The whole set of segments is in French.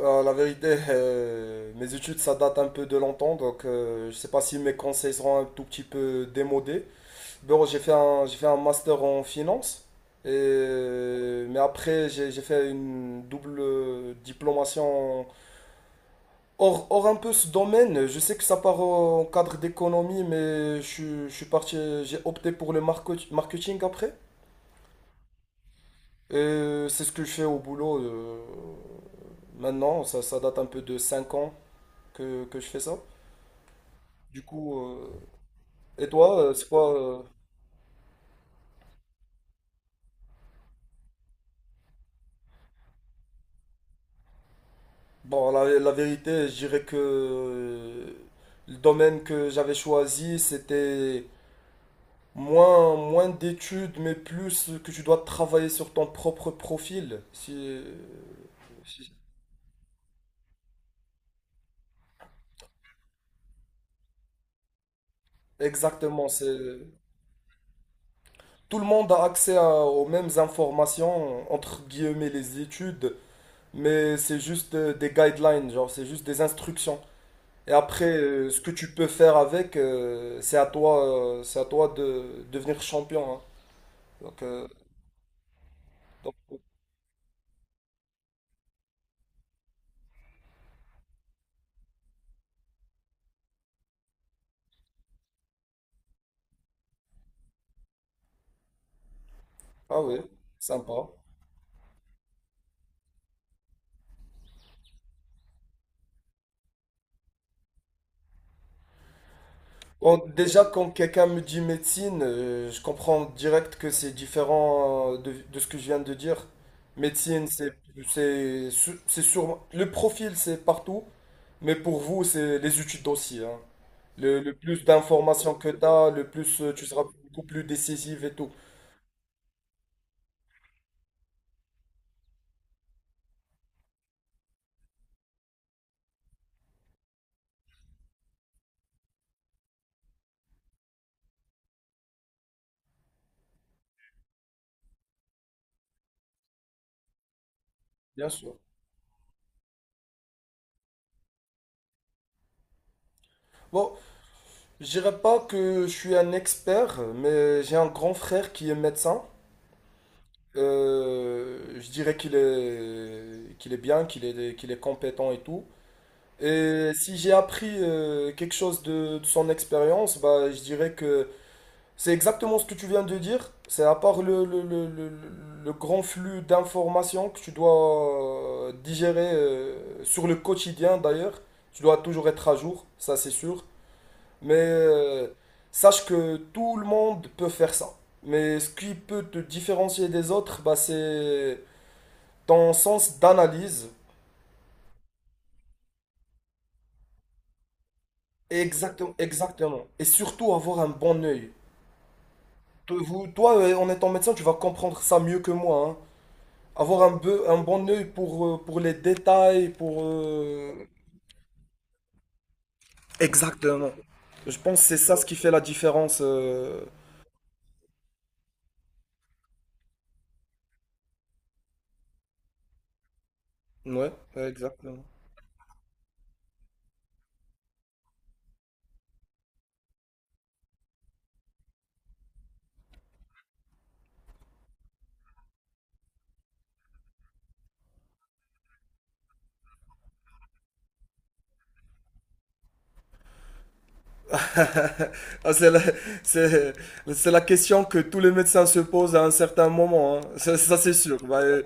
La vérité, mes études, ça date un peu de longtemps, donc je ne sais pas si mes conseils seront un tout petit peu démodés. Bon, j'ai fait un master en finance, et, mais après, j'ai fait une double diplomation hors un peu ce domaine. Je sais que ça part en cadre d'économie, je suis parti, j'ai opté pour le marketing après. Et c'est ce que je fais au boulot maintenant, ça date un peu de 5 ans que je fais ça. Du coup, et toi, c'est quoi Bon, la vérité, je dirais que le domaine que j'avais choisi, c'était moins d'études, mais plus que tu dois travailler sur ton propre profil. Si- exactement, c'est... Tout le monde a accès aux mêmes informations, entre guillemets les études, mais c'est juste des guidelines, genre c'est juste des instructions. Et après, ce que tu peux faire avec, c'est à toi de devenir champion, hein. Donc, euh, donc, ah oui, sympa. Bon, déjà, quand quelqu'un me dit médecine, je comprends direct que c'est différent de ce que je viens de dire. Médecine, c'est sûrement- le profil, c'est partout, mais pour vous, c'est les études aussi, hein. Le plus d'informations que tu as, le plus tu seras beaucoup plus décisif et tout. Bien sûr. Bon, je dirais pas que je suis un expert, mais j'ai un grand frère qui est médecin. Je dirais qu'il est bien, qu'il est compétent et tout. Et si j'ai appris quelque chose de son expérience, bah, je dirais que c'est exactement ce que tu viens de dire. C'est à part le grand flux d'informations que tu dois digérer sur le quotidien d'ailleurs. Tu dois toujours être à jour, ça c'est sûr. Mais sache que tout le monde peut faire ça. Mais ce qui peut te différencier des autres, bah, c'est ton sens d'analyse. Exactement, exactement. Et surtout avoir un bon œil. Toi, en étant médecin, tu vas comprendre ça mieux que moi, hein. Avoir un bon œil pour les détails, pour... Exactement. Je pense que c'est ça ce qui fait la différence. Ouais, ouais, exactement. Ah, c'est- c'est la question que tous les médecins se posent à un certain moment, hein. Ça, c'est sûr. Bah, euh,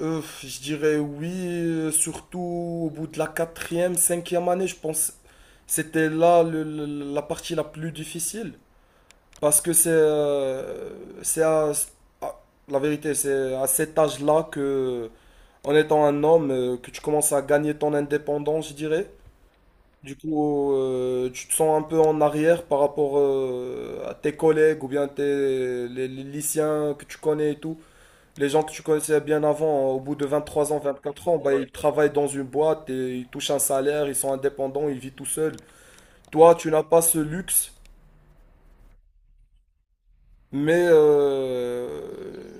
euh, je dirais oui, surtout au bout de la quatrième, cinquième année, je pense. C'était là la partie la plus difficile. Parce que c'est à, à- la vérité, c'est à cet âge-là que, en étant un homme, que tu commences à gagner ton indépendance, je dirais. Du coup, tu te sens un peu en arrière par rapport à tes collègues ou bien les lycéens que tu connais et tout. Les gens que tu connaissais bien avant, hein, au bout de 23 ans, 24 ans, bah, ils travaillent dans une boîte et ils touchent un salaire, ils sont indépendants, ils vivent tout seuls. Toi, tu n'as pas ce luxe, mais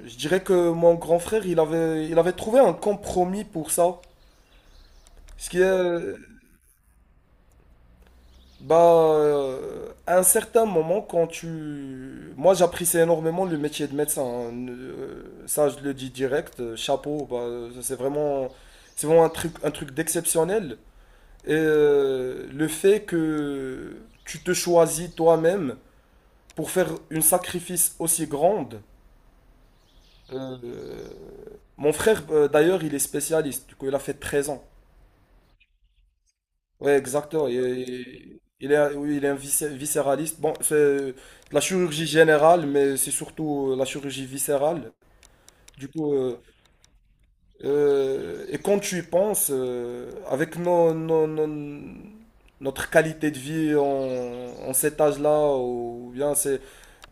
je dirais que mon grand frère, il avait trouvé un compromis pour ça. Ce qui est, bah, à un certain moment, quand tu... Moi, j'apprécie énormément le métier de médecin, hein. Ça, je le dis direct. Chapeau, bah, c'est vraiment un truc d'exceptionnel. Et le fait que tu te choisis toi-même pour faire une sacrifice aussi grande. euh, Mon frère, d'ailleurs, il est spécialiste. Du coup, il a fait 13 ans. Ouais, exactement. Oui, il est un viscéraliste. Bon, c'est de la chirurgie générale, mais c'est surtout la chirurgie viscérale. Du coup, et quand tu y penses, avec notre qualité de vie en, en cet âge-là, ou bien c'est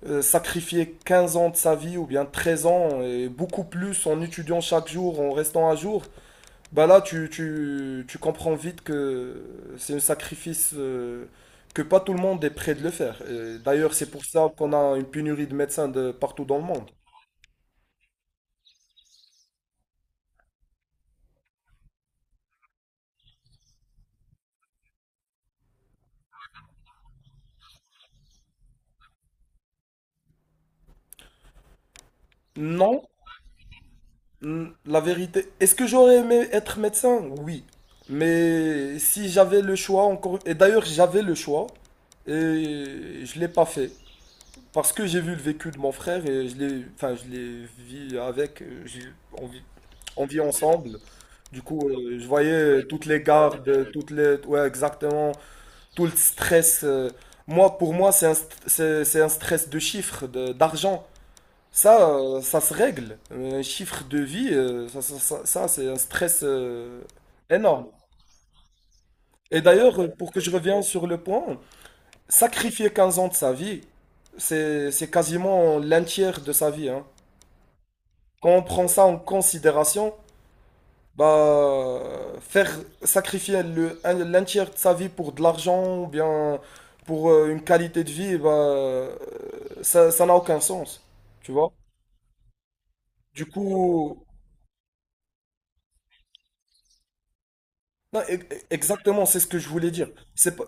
sacrifier 15 ans de sa vie, ou bien 13 ans, et beaucoup plus en étudiant chaque jour, en restant à jour, bah là, tu comprends vite que c'est un sacrifice que pas tout le monde est prêt de le faire. Et d'ailleurs, c'est pour ça qu'on a une pénurie de médecins de partout dans le monde. Non, mm, la vérité. Est-ce que j'aurais aimé être médecin? Oui. Mais si j'avais le choix encore... Et d'ailleurs, j'avais le choix et je l'ai pas fait. Parce que j'ai vu le vécu de mon frère et je l'ai, enfin, je l'ai vu avec. Envie- on vit ensemble. Du coup, je voyais toutes les gardes, ouais, exactement, tout le stress. Moi, pour moi, c'est un stress de chiffres, d'argent. Ça, ça se règle. Un chiffre de vie, c'est un stress énorme. Et d'ailleurs, pour que je revienne sur le point, sacrifier 15 ans de sa vie, c'est quasiment l'un tiers de sa vie, hein. Quand on prend ça en considération, bah, faire sacrifier l'un tiers de sa vie pour de l'argent ou bien pour une qualité de vie, bah, ça n'a aucun sens, tu vois? Du coup, non, exactement, c'est ce que je voulais dire. C'est pas,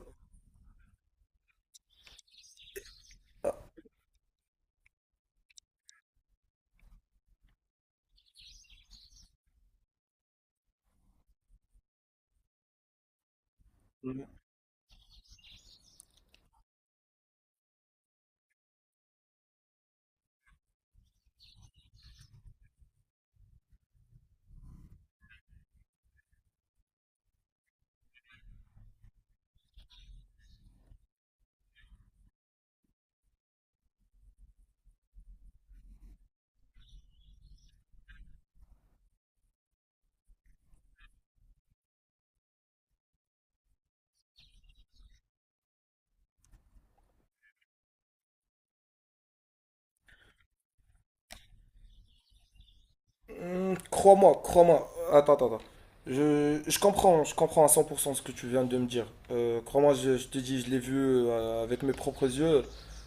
hmm, crois-moi, crois-moi. Attends, attends, attends. Je comprends à 100% ce que tu viens de me dire. Crois-moi, je te dis, je l'ai vu avec mes propres yeux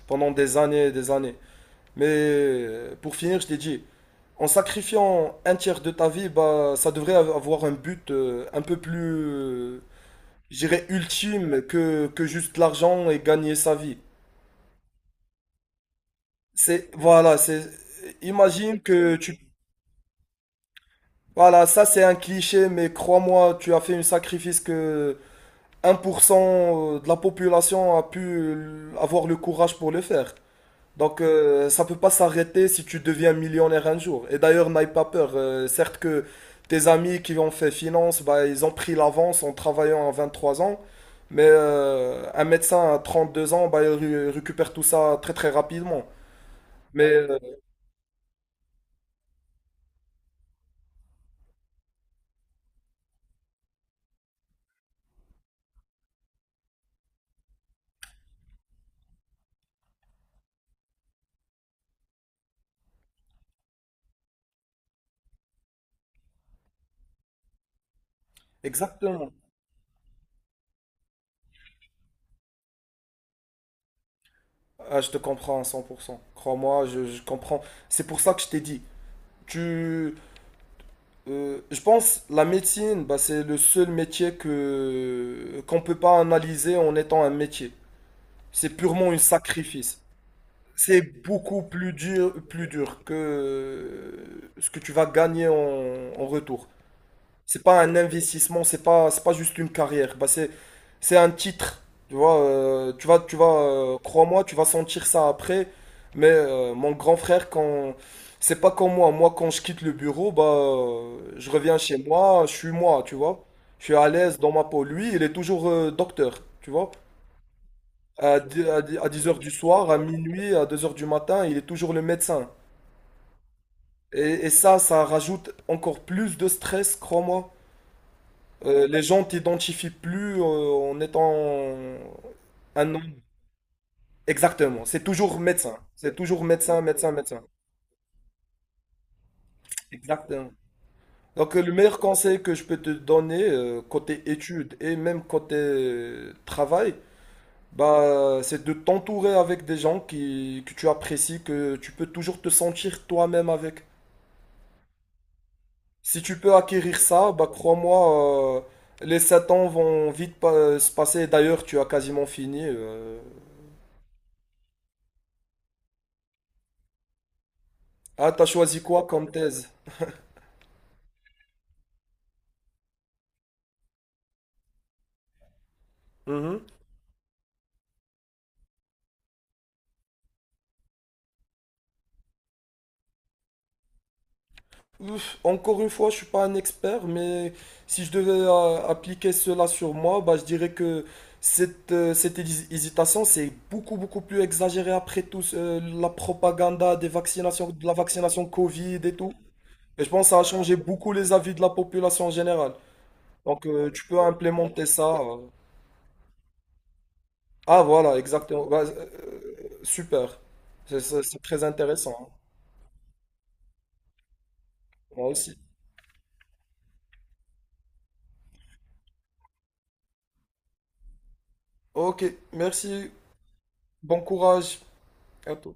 pendant des années et des années. Mais pour finir, je t'ai dit, en sacrifiant un tiers de ta vie, bah, ça devrait avoir un but un peu plus, euh, je dirais, ultime que juste l'argent et gagner sa vie. C'est, voilà, c'est, imagine que tu, voilà, ça c'est un cliché, mais crois-moi, tu as fait un sacrifice que 1% de la population a pu avoir le courage pour le faire. Donc ça peut pas s'arrêter si tu deviens millionnaire un jour. Et d'ailleurs, n'aie pas peur. Certes que tes amis qui ont fait finance, bah, ils ont pris l'avance en travaillant à 23 ans. Mais un médecin à 32 ans, bah, il récupère tout ça très très rapidement. Mais exactement. Ah, je te comprends à 100%. Crois-moi, je comprends. C'est pour ça que je t'ai dit. Tu, je pense la médecine, bah, c'est le seul métier que qu'on peut pas analyser en étant un métier. C'est purement un sacrifice. C'est beaucoup plus dur que ce que tu vas gagner en, en retour. C'est pas un investissement, c'est pas juste une carrière. Bah, c'est un titre. Tu vois, tu vas, crois-moi, tu vas sentir ça après. Mais mon grand frère, quand c'est pas comme moi, moi quand je quitte le bureau, bah, je reviens chez moi, je suis moi, tu vois. Je suis à l'aise dans ma peau. Lui, il est toujours docteur, tu vois, à 10 heures du soir, à minuit, à 2 heures du matin, il est toujours le médecin. Et ça, ça rajoute encore plus de stress, crois-moi. Les gens t'identifient plus en étant un nom. Exactement, c'est toujours médecin. C'est toujours médecin, médecin, médecin. Exactement. Donc le meilleur conseil que je peux te donner, côté études et même côté travail, bah, c'est de t'entourer avec des gens que tu apprécies, que tu peux toujours te sentir toi-même avec. Si tu peux acquérir ça, bah crois-moi, les 7 ans vont vite se passer. D'ailleurs, tu as quasiment fini. Ah, t'as choisi quoi comme thèse? Mhm. Ouf, encore une fois, je suis pas un expert, mais si je devais appliquer cela sur moi, bah je dirais que cette hésitation, c'est beaucoup beaucoup plus exagéré après la propagande des vaccinations, de la vaccination Covid et tout. Et je pense que ça a changé beaucoup les avis de la population en général. Donc, tu peux implémenter ça. Ah voilà, exactement. Bah, super. C'est très intéressant, hein. Moi aussi. Ok, merci. Bon courage. À tout.